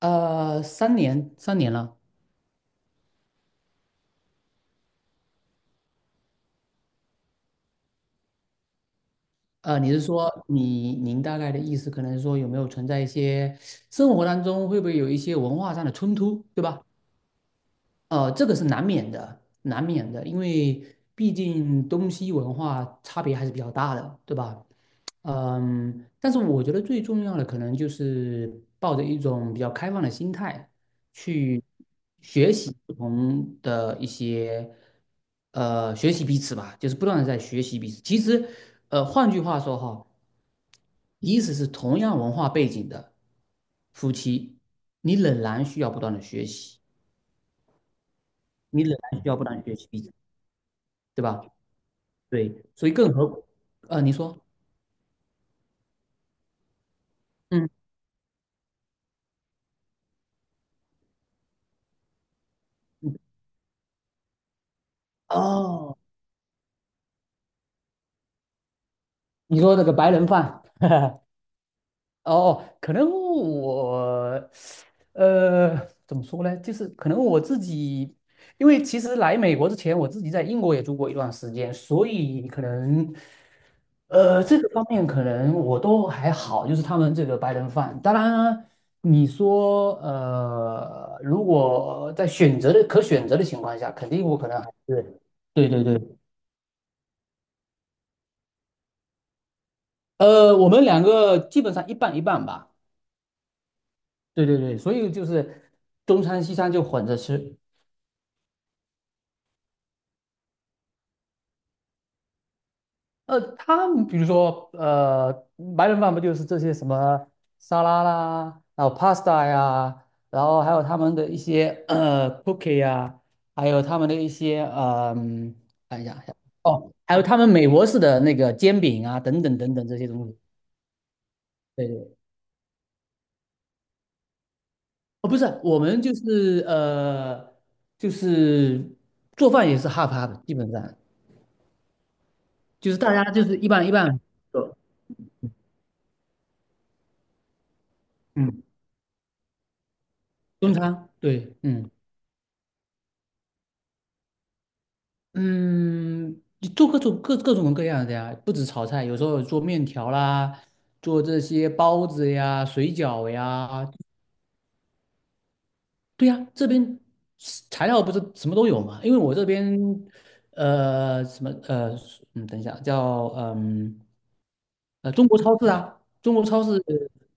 三年，三年了。你是说您大概的意思，可能是说有没有存在一些生活当中会不会有一些文化上的冲突，对吧？这个是难免的，难免的，因为毕竟东西文化差别还是比较大的，对吧？但是我觉得最重要的可能就是抱着一种比较开放的心态去学习不同的一些，学习彼此吧，就是不断的在学习彼此。其实，换句话说哈，即使是同样文化背景的夫妻，你仍然需要不断的学习，你仍然需要不断的学习彼此。对吧？对，所以更何，你说，嗯，哦，你说那个白人饭。哦，可能我，呃，怎么说呢？就是可能我自己，因为其实来美国之前，我自己在英国也住过一段时间，所以可能，这个方面可能我都还好，就是他们这个白人饭。当然啊，你说，如果在选择的可选择的情况下，肯定我可能还是，对对对，我们两个基本上一半一半吧。对对对，所以就是中餐西餐就混着吃。他们比如说白人饭不就是这些什么沙拉啦，然后 pasta 呀，然后还有他们的一些cookie 呀，还有他们的一些看一下，哦，还有他们美国式的那个煎饼啊，等等等等这些东西。对对，哦，不是，我们就是就是做饭也是 half half,基本上就是大家就是一半一半。嗯。中餐，对，嗯嗯，你做各种各样的呀，不止炒菜，有时候有做面条啦，做这些包子呀、水饺呀，对呀，这边是材料不是什么都有嘛？因为我这边什么等一下叫中国超市啊，中国超市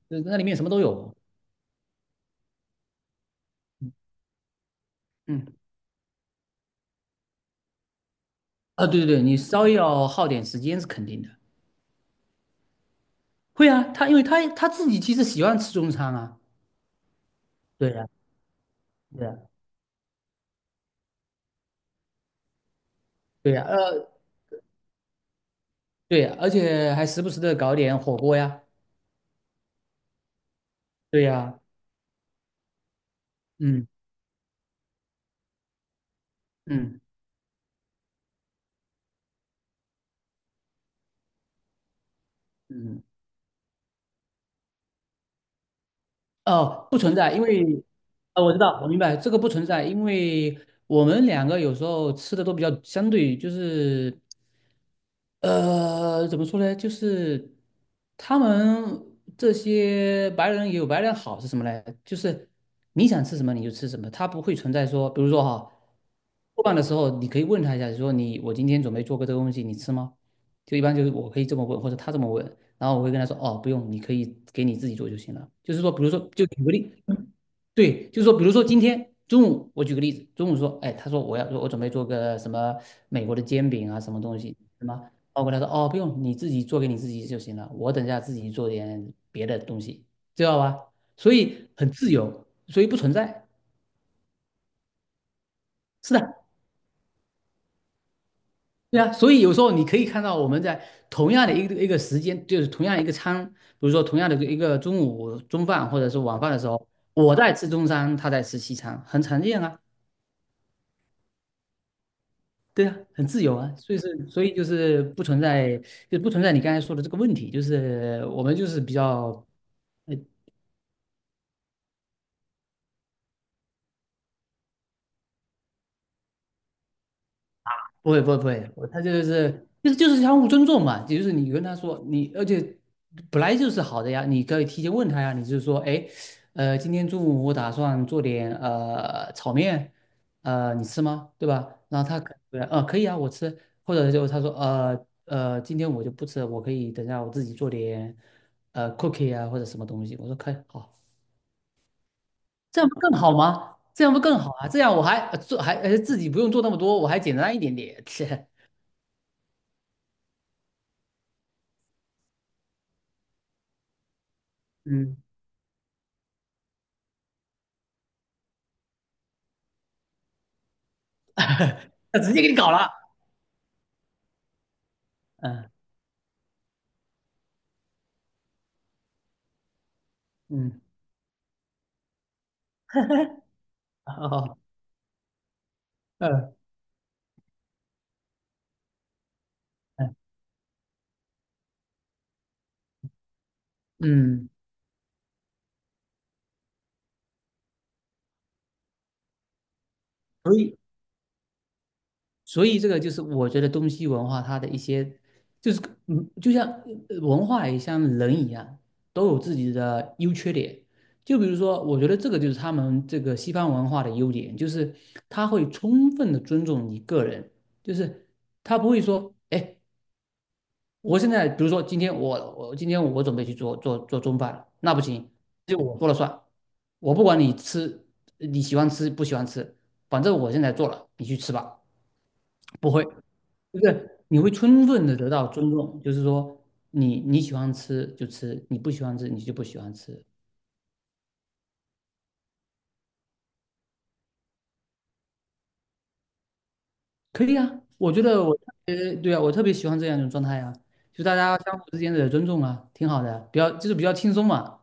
那里面什么都有，嗯啊对对对，你稍微要耗点时间是肯定的，会啊，他因为他自己其实喜欢吃中餐啊，对呀。对呀对呀，对呀，而且还时不时的搞点火锅呀，对呀，嗯嗯嗯，哦，不存在，因为，我知道，我明白，这个不存在，因为我们两个有时候吃的都比较相对，就是怎么说呢？就是他们这些白人也有白人好是什么呢？就是你想吃什么你就吃什么，他不会存在说，比如说哈，做饭的时候你可以问他一下，你说你我今天准备做个这个东西，你吃吗？就一般就是我可以这么问，或者他这么问，然后我会跟他说，哦，不用，你可以给你自己做就行了。就是说，比如说，就举个例，对，就是说，比如说今天中午，我举个例子，中午说，哎，他说我要我准备做个什么美国的煎饼啊，什么东西，什么。包括他说哦，不用，你自己做给你自己就行了，我等一下自己做点别的东西，知道吧？所以很自由，所以不存在。是的，对啊，所以有时候你可以看到我们在同样的一个一个时间，就是同样一个餐，比如说同样的一个中午中饭或者是晚饭的时候，我在吃中餐，他在吃西餐，很常见啊，对啊，很自由啊，所以是所以就是不存在，就不存在你刚才说的这个问题，就是我们就是比较不会不会不会，我他就是就是就是相互尊重嘛，就是你跟他说你，而且本来就是好的呀，你可以提前问他呀，你就是说，哎，今天中午我打算做点炒面，你吃吗？对吧？然后他可对啊，可以啊，我吃，或者就他说，今天我就不吃了，我可以等下我自己做点cookie 啊或者什么东西，我说可以，好，这样不更好吗？这样不更好啊？这样我还做还自己不用做那么多，我还简单一点点，嗯。他直接给你搞了。嗯嗯，好好，嗯嗯嗯，所以这个就是我觉得东西文化它的一些，就是就像文化也像人一样，都有自己的优缺点。就比如说，我觉得这个就是他们这个西方文化的优点，就是他会充分的尊重你个人，就是他不会说，哎，我现在比如说今天我准备去做中饭，那不行，就我说了算，我不管你吃，你喜欢吃不喜欢吃，反正我现在做了，你去吃吧，不会，就是你会充分的得到尊重，就是说你你喜欢吃就吃，你不喜欢吃你就不喜欢吃，可以啊，我觉得我特别对啊，我特别喜欢这样一种状态啊，就大家相互之间的尊重啊，挺好的，就是比较轻松嘛，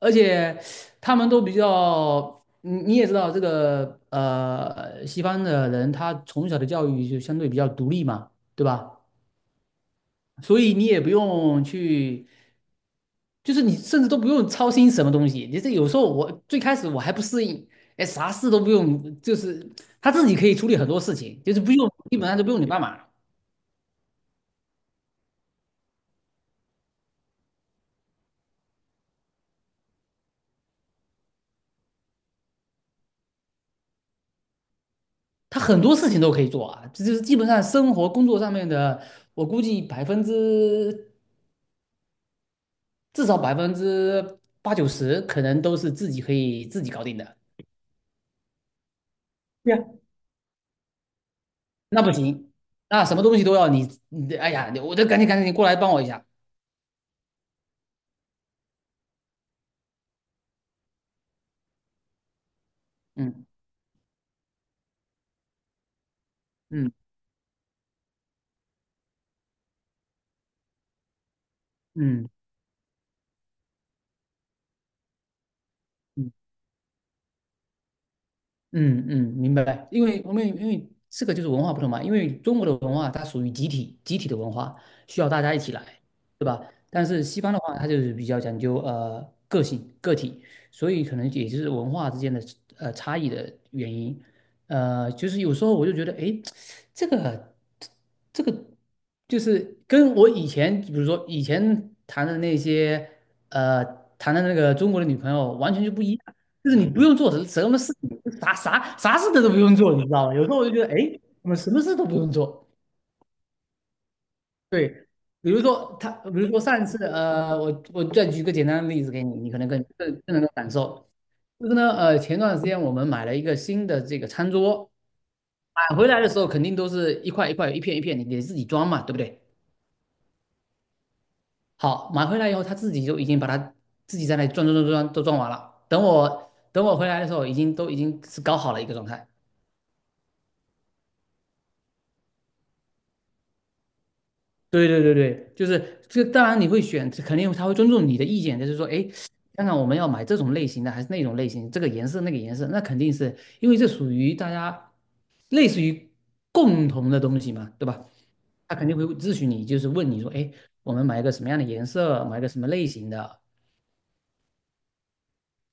而且他们都比较，你也知道这个西方的人他从小的教育就相对比较独立嘛，对吧？所以你也不用去，就是你甚至都不用操心什么东西，你这有时候我最开始我还不适应，哎，啥事都不用，就是他自己可以处理很多事情，就是不用，基本上都不用你帮忙。他很多事情都可以做啊，这就是基本上生活工作上面的，我估计百分之至少百分之八九十可能都是自己可以自己搞定的。对呀，那不行，那什么东西都要你，你哎呀，我得赶紧赶紧过来帮我一下。嗯嗯嗯嗯。嗯嗯，明白。因为这个就是文化不同嘛，因为中国的文化它属于集体的文化，需要大家一起来，对吧？但是西方的话，它就是比较讲究个性个体，所以可能也就是文化之间的差异的原因。就是有时候我就觉得，哎，这个这个就是跟我以前，比如说以前谈的呃谈的那个中国的女朋友完全就不一样就是你不用做什么事情，啥事的都不用做，你知道吗？有时候我就觉得，哎，我们什么事都不用做。对，比如说上一次，我再举一个简单的例子给你，你可能更能够感受。就是呢，前段时间我们买了一个新的这个餐桌，买回来的时候肯定都是一块一块、一片一片，你得自己装嘛，对不对？好，买回来以后他自己就已经把它自己在那里装都装完了。等我回来的时候，已经都已经是搞好了一个状态。对对对对，就是这个当然你会选，肯定他会尊重你的意见，就是说，哎，看看我们要买这种类型的还是那种类型，这个颜色那个颜色，那肯定是因为这属于大家类似于共同的东西嘛，对吧？他肯定会咨询你，就是问你说，哎，我们买一个什么样的颜色，买一个什么类型的，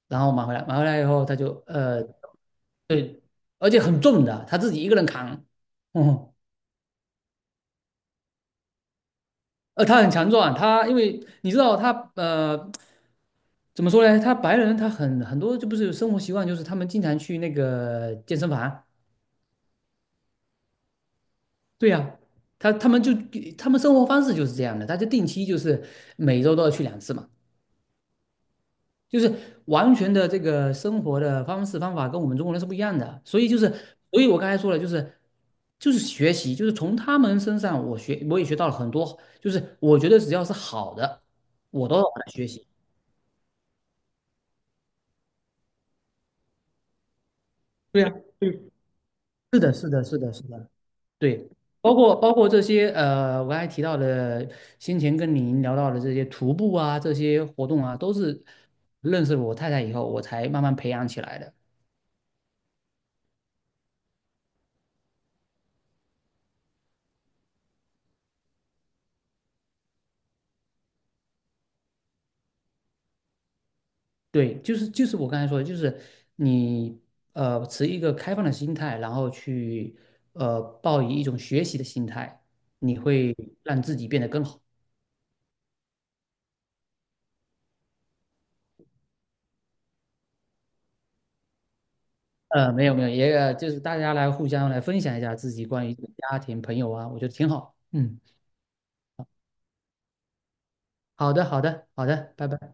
然后买回来，买回来以后他就对，而且很重的，他自己一个人扛，嗯，他很强壮，他因为你知道他。怎么说呢？他白人他很多就不是生活习惯，就是他们经常去那个健身房。对呀、他们就他们生活方式就是这样的，他就定期就是每周都要去两次嘛，就是完全的这个生活的方式方法跟我们中国人是不一样的。所以就是，所以我刚才说了，就是学习，就是从他们身上我也学到了很多，就是我觉得只要是好的，我都要把它学习。对呀，对，是的，是的，是的，是的。对，包括这些我刚才提到的，先前跟您聊到的这些徒步啊，这些活动啊，都是认识了我太太以后，我才慢慢培养起来的。对，就是我刚才说的，就是你持一个开放的心态，然后去抱以一种学习的心态，你会让自己变得更好。没有没有，也就是大家来互相来分享一下自己关于家庭朋友啊，我觉得挺好。嗯，好的好的好的，拜拜。